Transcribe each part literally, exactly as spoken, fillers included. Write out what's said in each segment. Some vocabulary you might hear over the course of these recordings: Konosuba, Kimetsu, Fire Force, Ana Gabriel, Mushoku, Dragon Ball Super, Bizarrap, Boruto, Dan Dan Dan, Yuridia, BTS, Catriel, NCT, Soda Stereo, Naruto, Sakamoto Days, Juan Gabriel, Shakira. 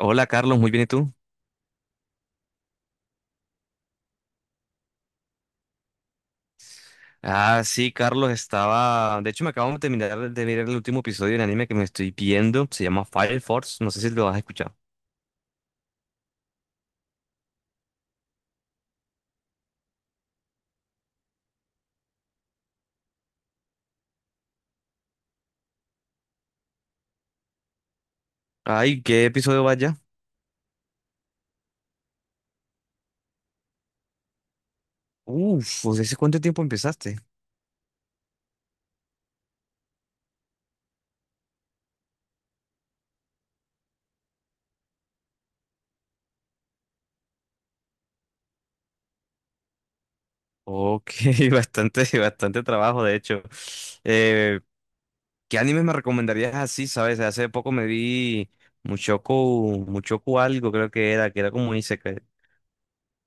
Hola Carlos, muy bien, ¿y tú? Ah, sí, Carlos, estaba... De hecho, me acabo de terminar de mirar el último episodio del anime que me estoy viendo. Se llama Fire Force, no sé si lo has escuchado. Ay, ¿qué episodio vaya? Uf, pues ¿hace cuánto tiempo empezaste? Ok, bastante, bastante trabajo, de hecho. Eh, ¿Qué animes me recomendarías así, sabes? Hace poco me vi Mushoku, Mushoku algo creo que era, que era como un isekai.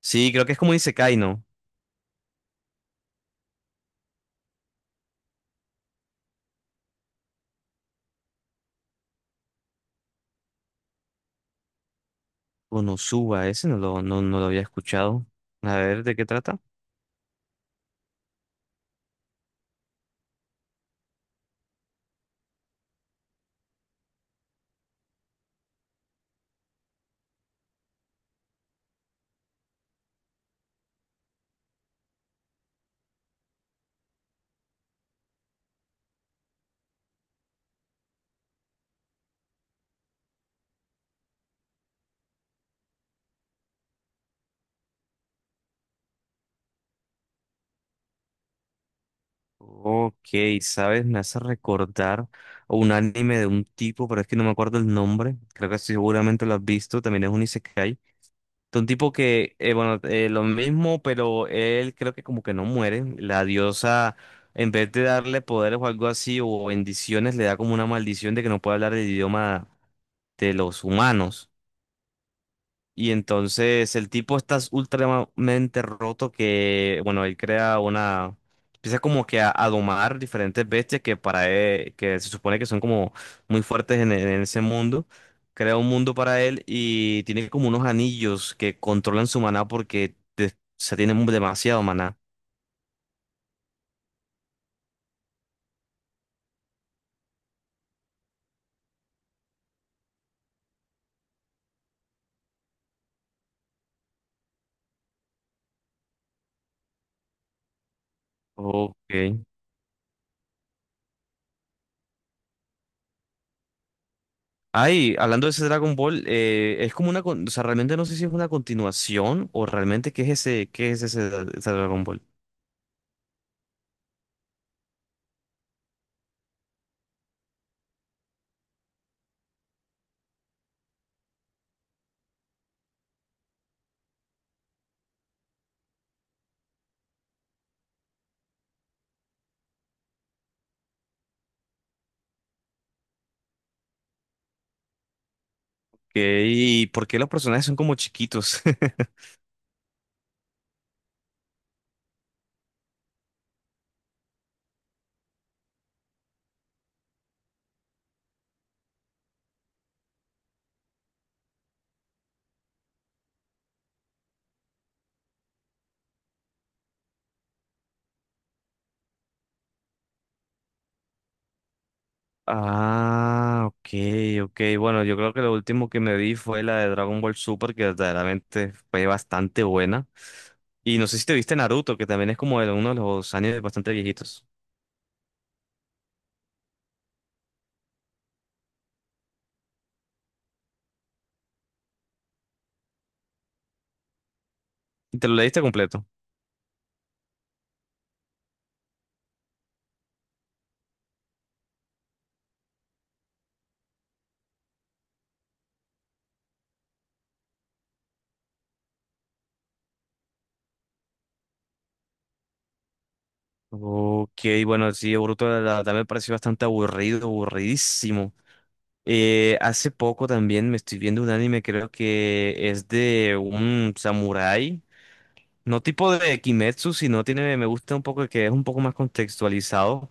Sí, creo que es como un isekai, ¿no? Konosuba, ese no lo, no, no lo había escuchado. A ver, ¿de qué trata? Ok, ¿sabes? Me hace recordar a un anime de un tipo, pero es que no me acuerdo el nombre. Creo que sí, seguramente lo has visto. También es un isekai. De un tipo que, eh, bueno, eh, lo mismo, pero él creo que como que no muere. La diosa, en vez de darle poderes o algo así, o bendiciones, le da como una maldición de que no puede hablar el idioma de los humanos. Y entonces el tipo está ultramente roto que, bueno, él crea una... Empieza como que a, a domar diferentes bestias que para él, que se supone que son como muy fuertes en, en ese mundo. Crea un mundo para él y tiene como unos anillos que controlan su maná porque te- se tiene demasiado maná. Ok. Ay, hablando de ese Dragon Ball, eh, es como una... con- O sea, realmente no sé si es una continuación o realmente qué es ese, qué es ese ese Dragon Ball. ¿Y por qué los personajes son como chiquitos? Ah, ok, ok. Bueno, yo creo que lo último que me vi fue la de Dragon Ball Super, que verdaderamente fue bastante buena. Y no sé si te viste Naruto, que también es como de uno de los años bastante viejitos. ¿Y te lo leíste completo? Ok, bueno, sí, Boruto la la verdad me pareció bastante aburrido, aburridísimo. Eh, hace poco también me estoy viendo un anime, creo que es de un samurái. No tipo de Kimetsu, sino tiene, me gusta un poco que es un poco más contextualizado.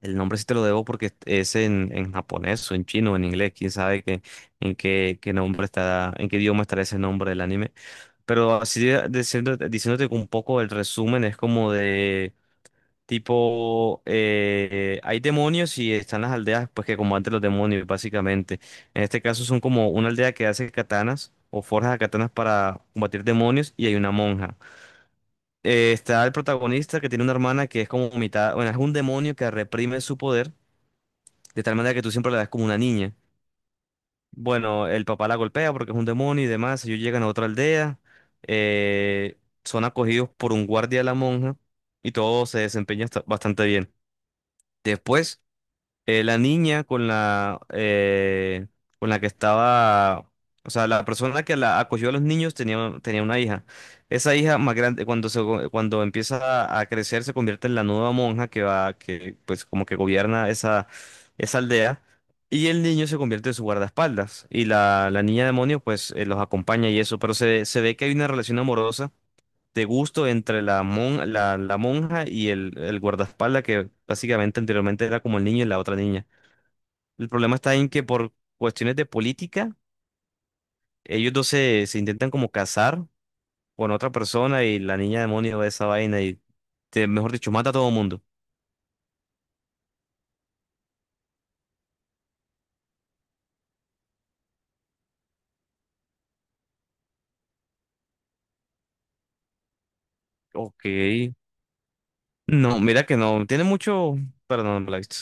El nombre sí te lo debo porque es en, en japonés o en chino o en inglés, quién sabe qué, en qué, qué nombre está, en qué idioma estará ese nombre del anime. Pero así de- diciendo, diciéndote un poco el resumen, es como de tipo, eh, hay demonios y están las aldeas pues que combaten los demonios, básicamente. En este caso son como una aldea que hace katanas o forja katanas para combatir demonios y hay una monja eh, está el protagonista que tiene una hermana que es como mitad, bueno, es un demonio que reprime su poder de tal manera que tú siempre la ves como una niña. Bueno, el papá la golpea porque es un demonio y demás. Ellos llegan a otra aldea, eh, son acogidos por un guardia de la monja y todo se desempeña hasta- bastante bien. Después eh, la niña con la eh, con la que estaba, o sea, la persona que la acogió a los niños tenía, tenía una hija. Esa hija más grande, cuando se, go- cuando empieza a, a crecer, se convierte en la nueva monja que va, que pues como que gobierna esa, esa aldea. Y el niño se convierte en su guardaespaldas. Y la, la niña demonio, pues, eh, los acompaña y eso. Pero se, se ve que hay una relación amorosa de gusto entre la, mon, la, la monja y el, el guardaespaldas, que básicamente anteriormente era como el niño y la otra niña. El problema está en que por cuestiones de política, ellos dos se, se intentan como casar con otra persona y la niña demonio de esa vaina y, te- mejor dicho, mata a todo mundo. Ok. No, mira que no. Tiene mucho... Perdón, no me la he visto.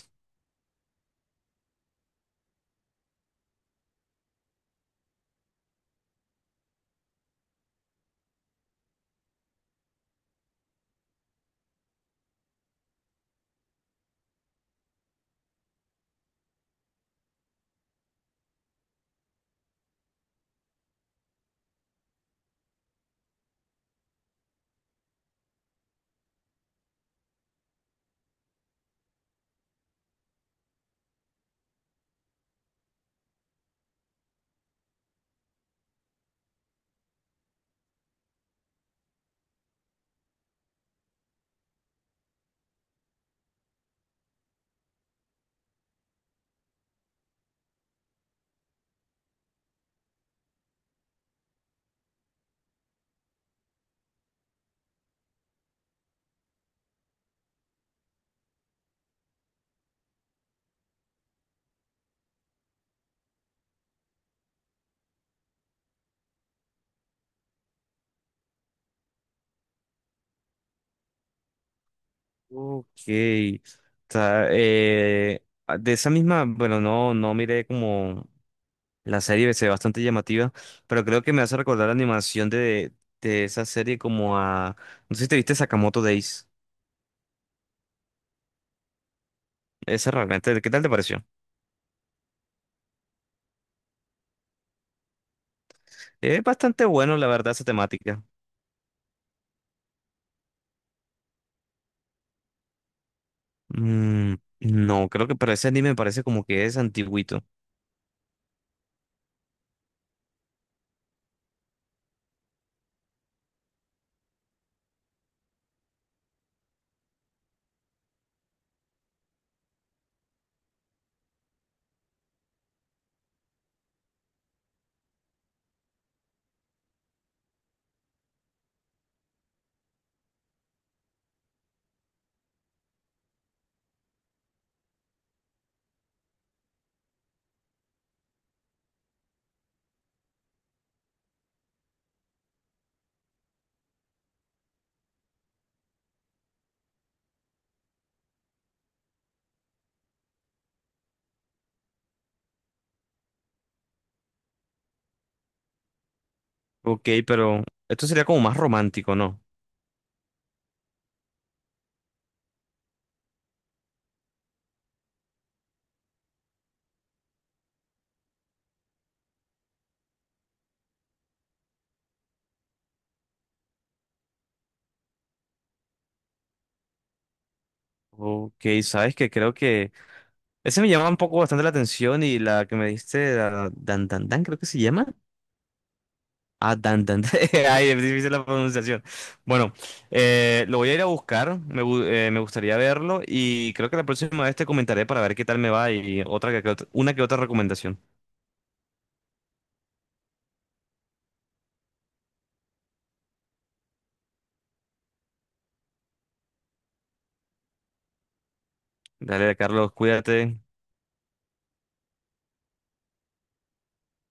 Ok. Está, eh, ah, de esa misma, bueno, no, no miré como la serie, se ve bastante llamativa, pero creo que me hace recordar la animación de, de esa serie como a... No sé si te viste Sakamoto Days. Esa realmente, ¿qué tal te pareció? Es bastante bueno, la verdad, esa temática. Mm, no, creo que, pero ese anime me parece como que es antiguito. Ok, pero esto sería como más romántico, ¿no? Ok, sabes que creo que ese me llama un poco bastante la atención y la que me diste, la Dan Dan Dan, creo que se llama. Ah, Dan Dan. Dan. Ay, es difícil la pronunciación. Bueno, eh, lo voy a ir a buscar, me, gu- eh, me gustaría verlo y creo que la próxima vez te comentaré para ver qué tal me va y otra que, que otra- una que otra recomendación. Dale, Carlos, cuídate.